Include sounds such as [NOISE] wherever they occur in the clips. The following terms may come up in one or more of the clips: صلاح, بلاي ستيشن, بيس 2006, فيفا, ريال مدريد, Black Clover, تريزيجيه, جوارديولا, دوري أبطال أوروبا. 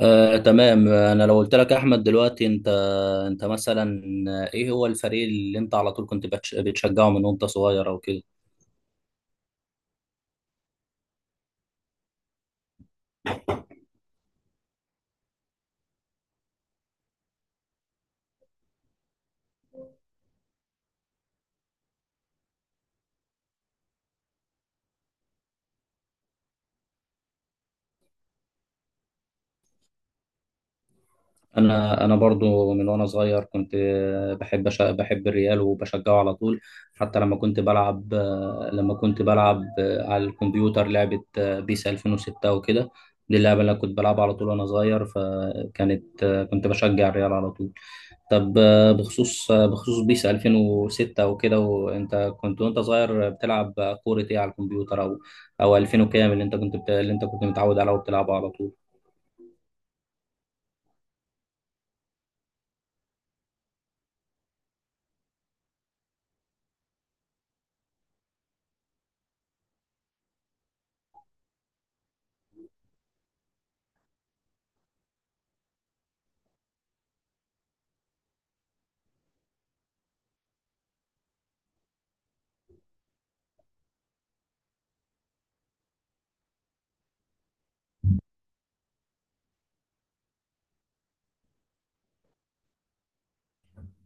تمام، انا لو قلت لك احمد دلوقتي، انت مثلا، ايه هو الفريق اللي انت على طول كنت بتشجعه من وانت صغير او كده؟ انا برضو من وانا صغير كنت بحب الريال وبشجعه على طول. حتى لما كنت بلعب على الكمبيوتر لعبة بيس 2006 وكده. دي اللعبة اللي أنا كنت بلعبها على طول وانا صغير، كنت بشجع الريال على طول. طب، بخصوص بيس 2006 وكده، وانت كنت وانت صغير بتلعب كورة ايه على الكمبيوتر، او 2000 وكام، اللي اللي انت كنت متعود عليه وبتلعبه على طول؟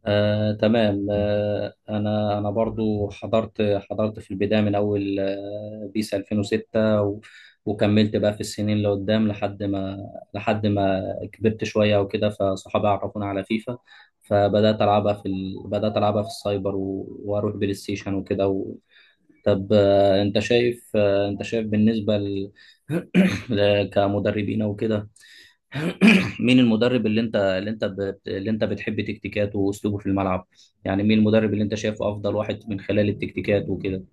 تمام. انا برضو حضرت في البدايه من اول بيس 2006، وكملت بقى في السنين اللي قدام، لحد ما كبرت شويه وكده، فصحابي عرفوني على فيفا. فبدات العبها في ال... بدات العبها في السايبر، واروح بلاي ستيشن وكده. و... طب. انت شايف، بالنسبه [CLEARS THROAT] كمدربين وكده. [COUGHS] [CLEARS THROAT] مين المدرب اللي انت بتحب تكتيكاته واسلوبه في الملعب؟ يعني مين المدرب اللي انت شايفه افضل واحد من خلال التكتيكات وكده؟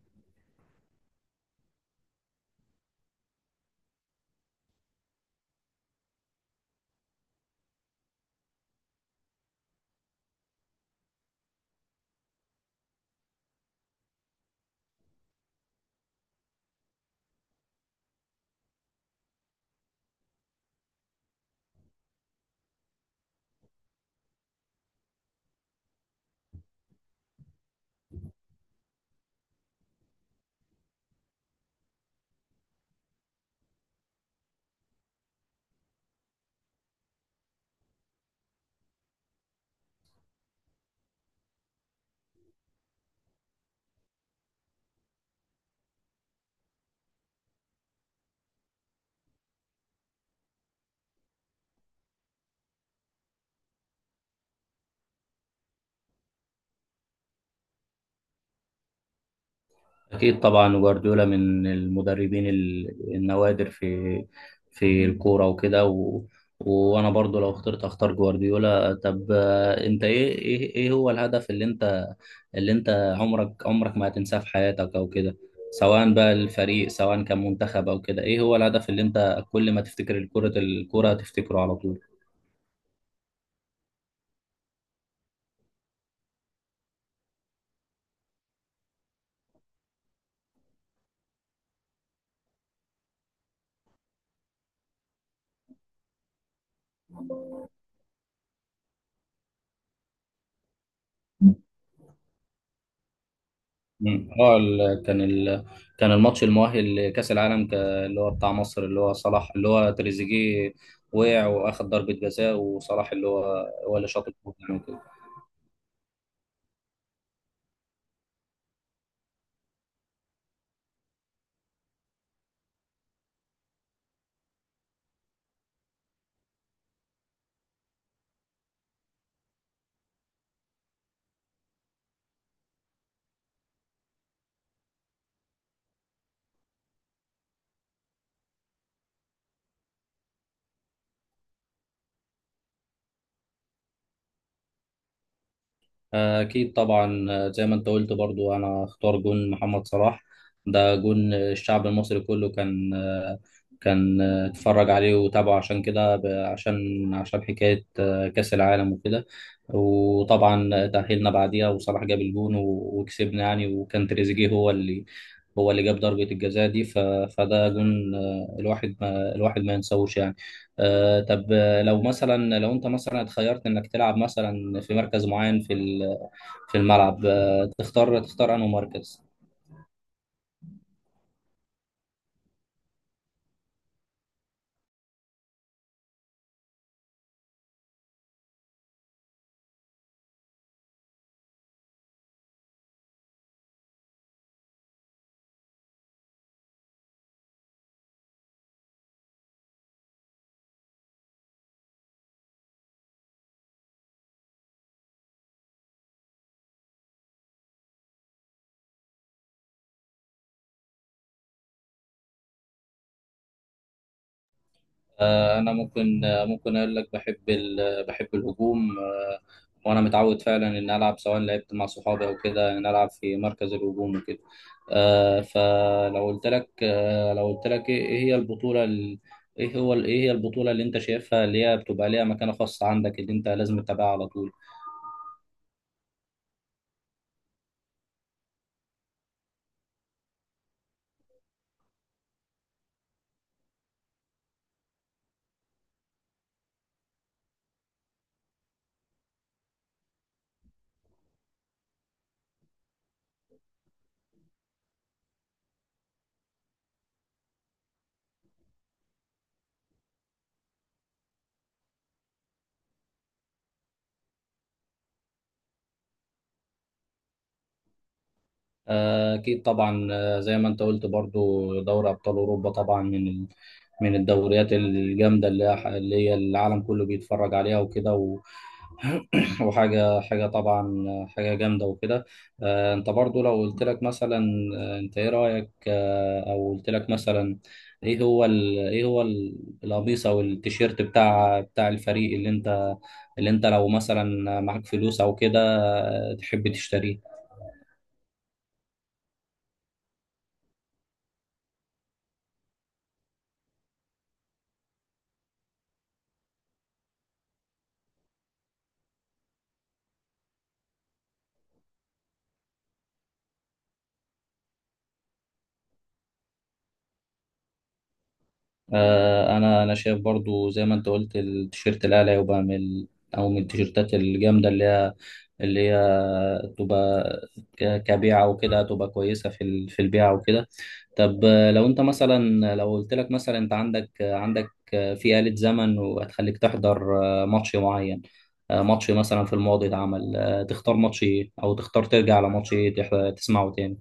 أكيد طبعا. جوارديولا من المدربين النوادر في الكورة وكده. وأنا برضو لو أختار جوارديولا. طب. أنت، إيه هو الهدف اللي أنت عمرك ما هتنساه في حياتك أو كده؟ سواء بقى الفريق، سواء كان منتخب أو كده، إيه هو الهدف اللي أنت كل ما تفتكر الكرة هتفتكره على طول؟ مم. كان الماتش المؤهل لكأس العالم، اللي هو بتاع مصر، اللي هو صلاح، اللي هو تريزيجيه وقع واخد ضربة جزاء، وصلاح اللي هو هو اللي شاط الجول يعني. أكيد طبعا. زي ما أنت قلت برضو، أنا أختار جون محمد صلاح. ده جون الشعب المصري كله، كان اتفرج عليه وتابعه، عشان كده، عشان حكاية كأس العالم وكده. وطبعا تأهلنا بعديها، وصلاح جاب الجون وكسبنا يعني، وكان تريزيجيه هو اللي جاب ضربة الجزاء دي. فده جون الواحد ما ينساهوش يعني. طب، لو انت مثلا اتخيرت انك تلعب مثلا في مركز معين في الملعب، تختار انه مركز. انا ممكن، ممكن اقول لك بحب بحب الهجوم. وانا متعود فعلا ان العب، سواء لعبت مع صحابي او كده، ان العب في مركز الهجوم وكده. آه، فلو قلت لك آه، لو قلت لك، ايه إيه هي البطولة ال- ايه هو ال- ايه هي البطولة اللي انت شايفها، اللي هي بتبقى ليها مكانة خاصة عندك، اللي انت لازم تتابعها على طول؟ أكيد طبعا. زي ما أنت قلت برضو، دوري أبطال أوروبا طبعا، من الدوريات الجامدة، اللي هي العالم كله بيتفرج عليها وكده. [COUGHS] [CLEARS THROAT] وحاجة حاجة طبعا حاجة جامدة وكده. أنت برضو لو قلت لك مثلا، آه، أنت إيه رأيك آه، أو قلت لك مثلا، إيه هو ال... إيه هو ال- القميص أو التيشيرت بتاع الفريق، اللي أنت لو مثلا معاك فلوس أو كده، تحب تشتريه؟ انا شايف برضو زي ما انت قلت، التيشيرت الاعلى يبقى او من التيشيرتات الجامده، اللي هي تبقى كبيعه وكده، تبقى كويسه في البيعه وكده. طب، لو قلت لك مثلا، انت عندك في آلة زمن، وهتخليك تحضر ماتش معين، ماتش مثلا في الماضي اتعمل، تختار ماتش ايه، او تختار ترجع على ماتش ايه تسمعه تاني؟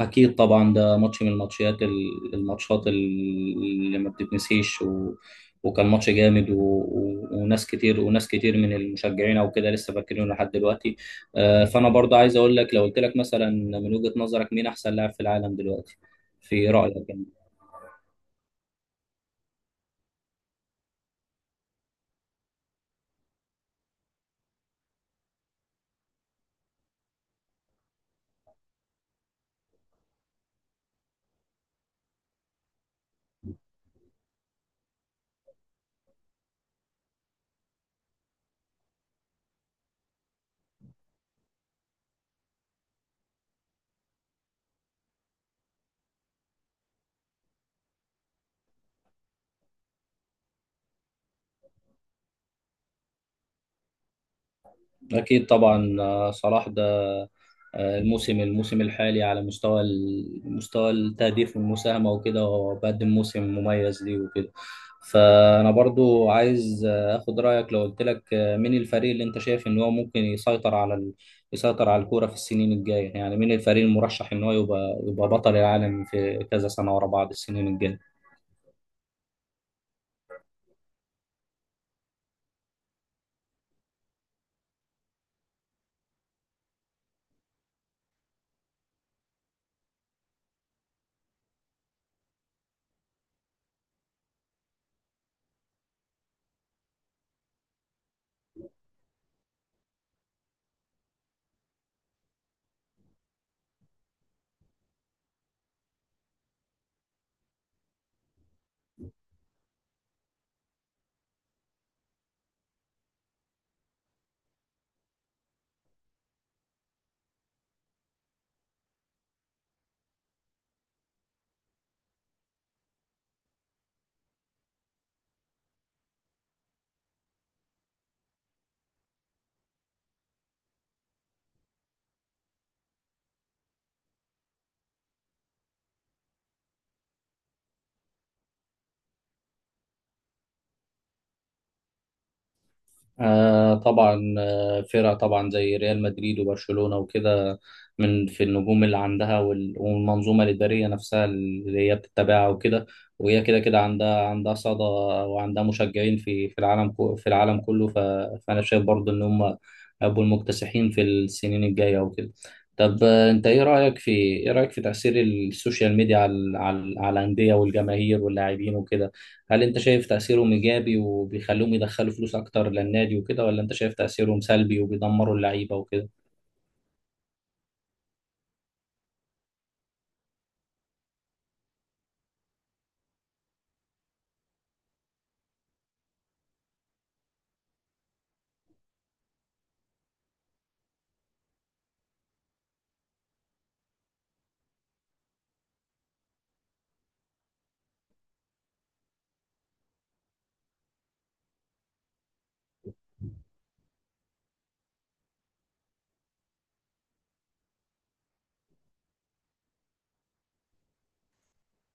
أكيد طبعا. ده ماتش من الماتشات اللي ما بتتنسيش، وكان ماتش جامد، وناس كتير من المشجعين أو كده لسه فاكرينه لحد دلوقتي. فأنا برضه عايز أقول لك، لو قلت لك مثلا، من وجهة نظرك مين أحسن لاعب في العالم دلوقتي، في رأيك يعني؟ أكيد طبعا. صلاح ده، الموسم الحالي على مستوى التهديف والمساهمة وكده، هو بقدم موسم مميز ليه وكده. فأنا برضو عايز أخد رأيك. لو قلت لك، مين الفريق اللي أنت شايف إن هو ممكن يسيطر على الكورة في السنين الجاية، يعني مين الفريق المرشح إن هو يبقى بطل العالم في كذا سنة ورا بعض السنين الجاية؟ طبعا. فرق طبعا زي ريال مدريد وبرشلونة وكده، من في النجوم اللي عندها، والمنظومة الإدارية نفسها اللي هي بتتبعها وكده، وهي كده كده عندها صدى، وعندها مشجعين في في العالم كله. فأنا شايف برضو إن هم هيبقوا المكتسحين في السنين الجاية وكده. طب، أنت إيه رأيك في تأثير السوشيال ميديا على الأندية والجماهير واللاعبين وكده. هل انت شايف تأثيرهم ايجابي وبيخلوهم يدخلوا فلوس اكتر للنادي وكده، ولا انت شايف تأثيرهم سلبي وبيدمروا اللعيبة وكده؟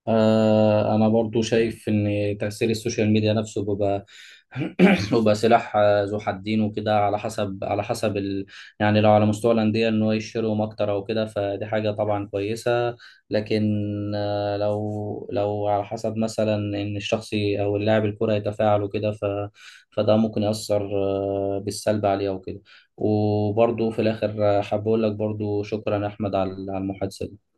أنا برضو شايف إن تأثير السوشيال ميديا نفسه بيبقى [CLEARS THROAT] بيبقى سلاح، ذو حدين وكده، على حسب يعني لو على مستوى الأندية، إن هو يشتريهم أكتر أو كده، فدي حاجة طبعا كويسة. لكن لو على حسب مثلا إن أو اللاعب الكرة يتفاعل وكده، فده ممكن يأثر بالسلب عليه أو كده. وبرضو في الآخر، حابب أقول لك برضو شكرا يا أحمد على المحادثة دي.